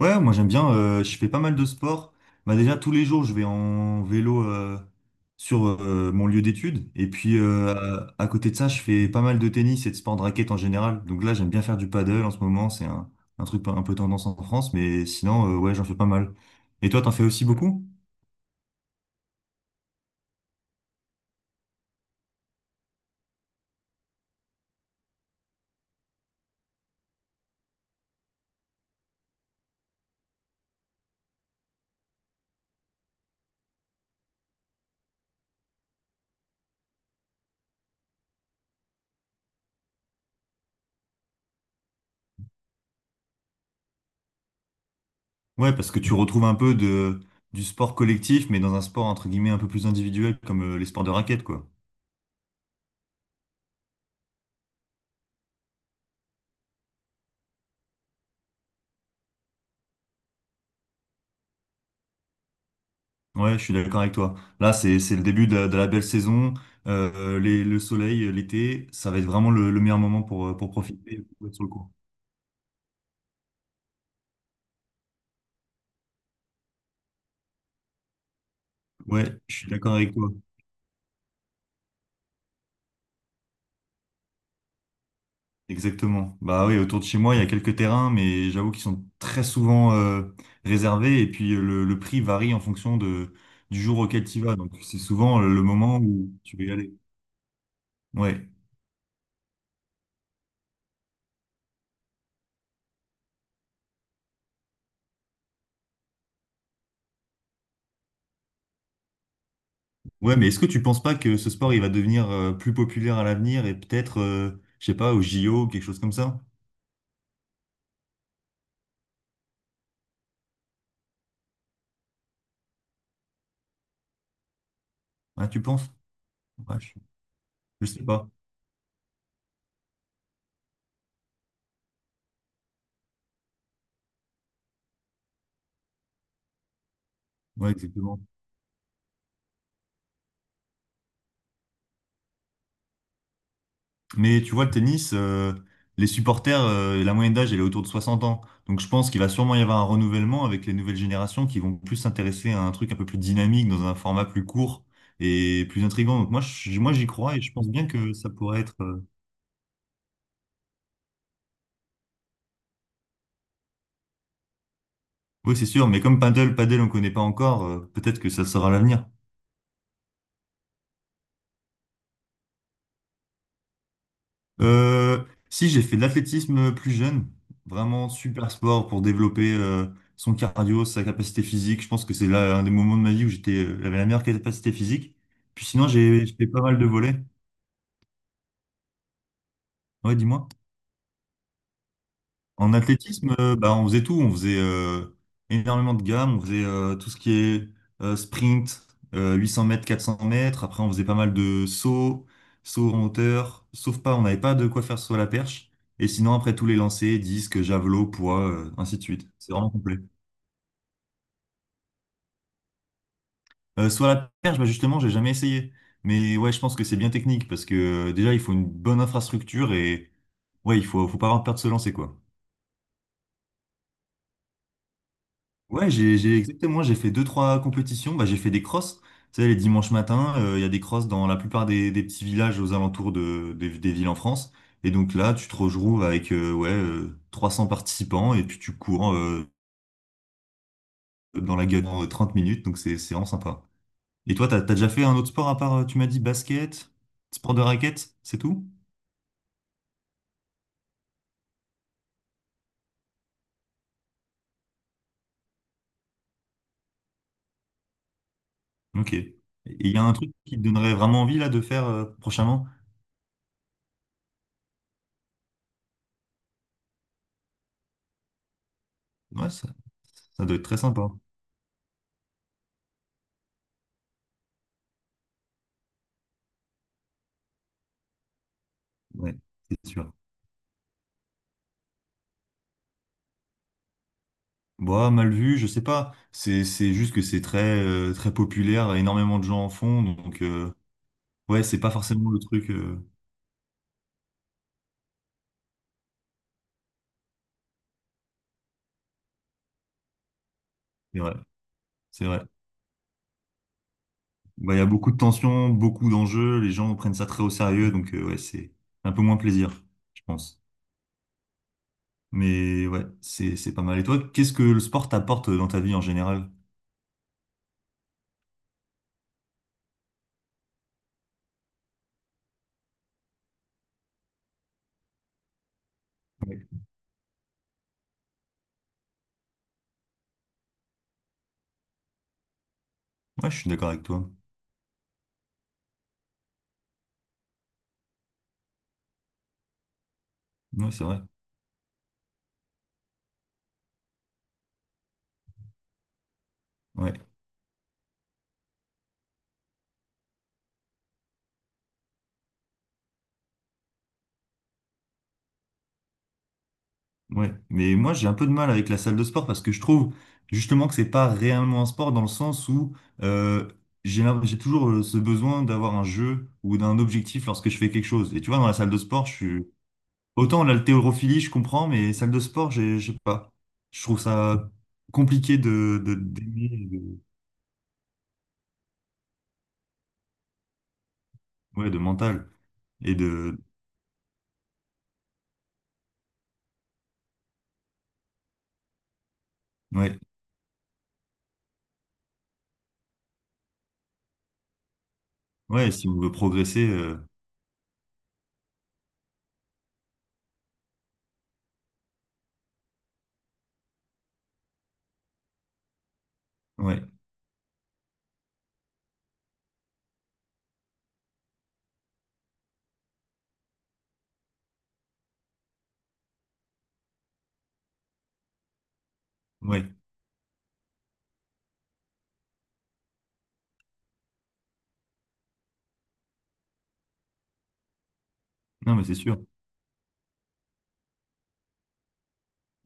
Ouais, moi j'aime bien, je fais pas mal de sport. Bah déjà tous les jours je vais en vélo, sur mon lieu d'études. Et puis à côté de ça je fais pas mal de tennis et de sport de raquette en général. Donc là j'aime bien faire du paddle en ce moment, c'est un truc un peu tendance en France, mais sinon ouais, j'en fais pas mal. Et toi, t'en fais aussi beaucoup? Ouais, parce que tu retrouves un peu de, du sport collectif, mais dans un sport entre guillemets un peu plus individuel comme les sports de raquette, quoi. Ouais, je suis d'accord avec toi. Là, c'est le début de la belle saison. Le soleil, l'été, ça va être vraiment le meilleur moment pour profiter, pour être sur le cours. Ouais, je suis d'accord avec toi. Exactement. Bah oui, autour de chez moi, il y a quelques terrains, mais j'avoue qu'ils sont très souvent réservés, et puis le prix varie en fonction du jour auquel tu y vas. Donc c'est souvent le moment où tu veux y aller. Ouais. Ouais, mais est-ce que tu penses pas que ce sport, il va devenir plus populaire à l'avenir, et peut-être, je sais pas, au JO, quelque chose comme ça? Hein, tu penses? Ouais, je sais pas. Ouais, exactement. Mais tu vois, le tennis, les supporters, la moyenne d'âge, elle est autour de 60 ans. Donc je pense qu'il va sûrement y avoir un renouvellement, avec les nouvelles générations qui vont plus s'intéresser à un truc un peu plus dynamique, dans un format plus court et plus intriguant. Donc moi, moi j'y crois, et je pense bien que ça pourrait être… Oui, c'est sûr, mais comme paddle, paddle, on connaît pas encore, peut-être que ça sera l'avenir. Euh, Si, j'ai fait de l'athlétisme plus jeune. Vraiment super sport pour développer son cardio, sa capacité physique. Je pense que c'est là un des moments de ma vie où j'avais la meilleure capacité physique. Puis sinon, j'ai fait pas mal de volets. Ouais, dis-moi. En athlétisme, bah, on faisait tout. On faisait énormément de gammes. On faisait tout ce qui est sprint, 800 mètres, 400 mètres. Après, on faisait pas mal de sauts, sauts en hauteur. Sauf pas, on n'avait pas de quoi faire sur la perche. Et sinon, après, tous les lancers, disques, javelots, poids, ainsi de suite. C'est vraiment complet. Sur la perche, bah, justement, j'ai jamais essayé. Mais ouais, je pense que c'est bien technique, parce que déjà, il faut une bonne infrastructure, et ouais, il faut pas avoir peur de se lancer, quoi. Ouais, j'ai exactement, j'ai fait deux, trois compétitions. Bah, j'ai fait des crosses. Tu sais, les dimanches matins, il y a des crosses dans la plupart des petits villages aux alentours des villes en France. Et donc là, tu te retrouves avec ouais, 300 participants, et puis tu cours dans la gueule en 30 minutes. Donc c'est vraiment sympa. Et toi, t'as déjà fait un autre sport, à part, tu m'as dit basket, sport de raquette, c'est tout? Ok. Et il y a un truc qui te donnerait vraiment envie là de faire, prochainement? Ouais, ça doit être très sympa. Ouais, c'est sûr. Bah, mal vu, je sais pas. C'est juste que c'est très très populaire, énormément de gens en font, donc ouais, c'est pas forcément le truc. C'est vrai, c'est vrai. Bah, il y a beaucoup de tensions, beaucoup d'enjeux, les gens prennent ça très au sérieux, donc ouais, c'est un peu moins plaisir, je pense. Mais ouais, c'est pas mal. Et toi, qu'est-ce que le sport t'apporte dans ta vie en général? Ouais. Ouais, je suis d'accord avec toi. Ouais, c'est vrai. Ouais. Ouais, mais moi, j'ai un peu de mal avec la salle de sport, parce que je trouve justement que c'est pas réellement un sport, dans le sens où euh, j'ai toujours ce besoin d'avoir un jeu ou d'un objectif lorsque je fais quelque chose. Et tu vois, dans la salle de sport, je suis, autant l'haltérophilie, je comprends, mais salle de sport, je sais pas. Je trouve ça compliqué d'aimer, ouais, de mental et de ouais, ouais, si on veut progresser, ouais, ouais. Non, mais c'est sûr.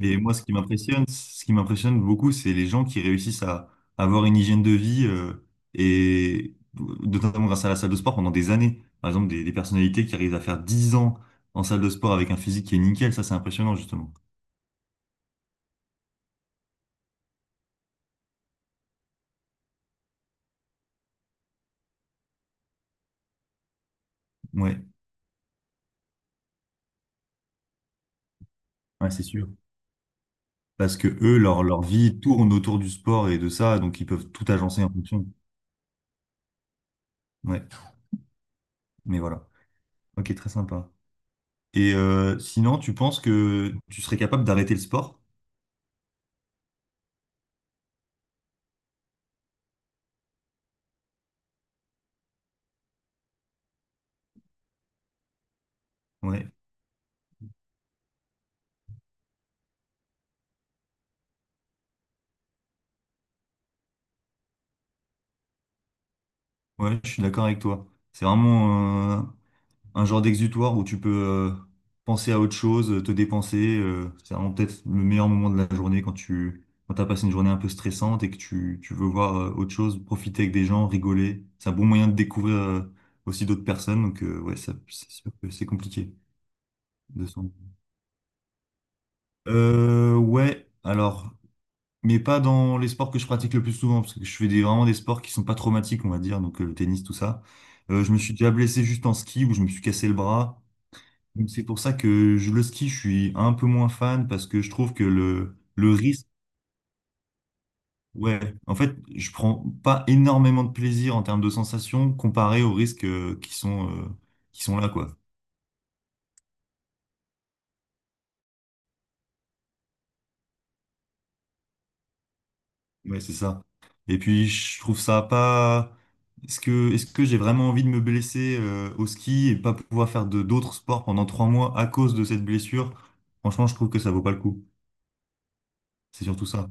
Et moi, ce qui m'impressionne beaucoup, c'est les gens qui réussissent à avoir une hygiène de vie, et notamment grâce à la salle de sport pendant des années. Par exemple, des personnalités qui arrivent à faire 10 ans en salle de sport avec un physique qui est nickel, ça, c'est impressionnant, justement. Ouais, ouais, c'est sûr. Parce que eux, leur vie tourne autour du sport et de ça, donc ils peuvent tout agencer en fonction. Ouais, mais voilà. Ok, très sympa. Et sinon, tu penses que tu serais capable d'arrêter le sport? Ouais, ouais, je suis d'accord avec toi. C'est vraiment un genre d'exutoire où tu peux penser à autre chose, te dépenser. C'est vraiment peut-être le meilleur moment de la journée, quand t'as passé une journée un peu stressante et que tu veux voir autre chose, profiter avec des gens, rigoler. C'est un bon moyen de découvrir aussi d'autres personnes. Donc ouais, ça, c'est sûr que c'est compliqué de ouais, alors. Mais pas dans les sports que je pratique le plus souvent, parce que je fais vraiment des sports qui sont pas traumatiques, on va dire, donc le tennis, tout ça. Je me suis déjà blessé juste en ski, où je me suis cassé le bras. Donc c'est pour ça que je, le ski, je suis un peu moins fan, parce que je trouve que le risque, ouais, en fait, je prends pas énormément de plaisir en termes de sensations comparé aux risques qui sont là, quoi. Ouais, c'est ça. Et puis je trouve ça pas. Est-ce que j'ai vraiment envie de me blesser au ski et pas pouvoir faire de d'autres sports pendant 3 mois à cause de cette blessure? Franchement, je trouve que ça vaut pas le coup. C'est surtout ça.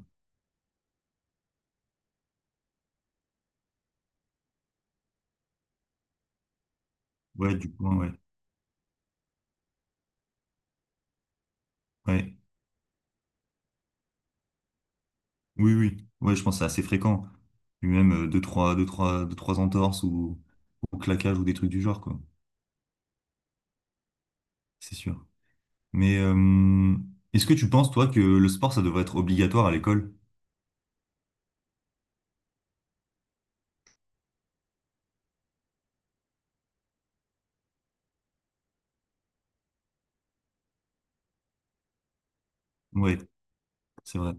Ouais, du coup, ouais. Ouais. Oui, oui, ouais, je pense que c'est assez fréquent. Puis même deux, trois entorses, ou claquages, ou des trucs du genre, quoi. C'est sûr. Mais est-ce que tu penses, toi, que le sport, ça devrait être obligatoire à l'école? Ouais, c'est vrai.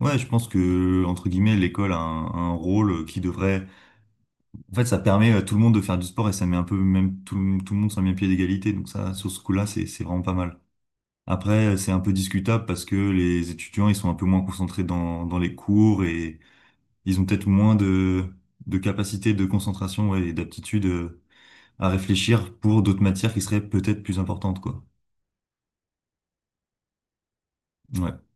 Ouais, je pense que, entre guillemets, l'école a un rôle qui devrait. En fait, ça permet à tout le monde de faire du sport, et ça met un peu même le tout le monde sur le même pied d'égalité. Donc ça, sur ce coup-là, c'est vraiment pas mal. Après, c'est un peu discutable, parce que les étudiants, ils sont un peu moins concentrés dans les cours, et ils ont peut-être moins de capacité de concentration, ouais, et d'aptitude, à réfléchir pour d'autres matières qui seraient peut-être plus importantes, quoi. Ouais.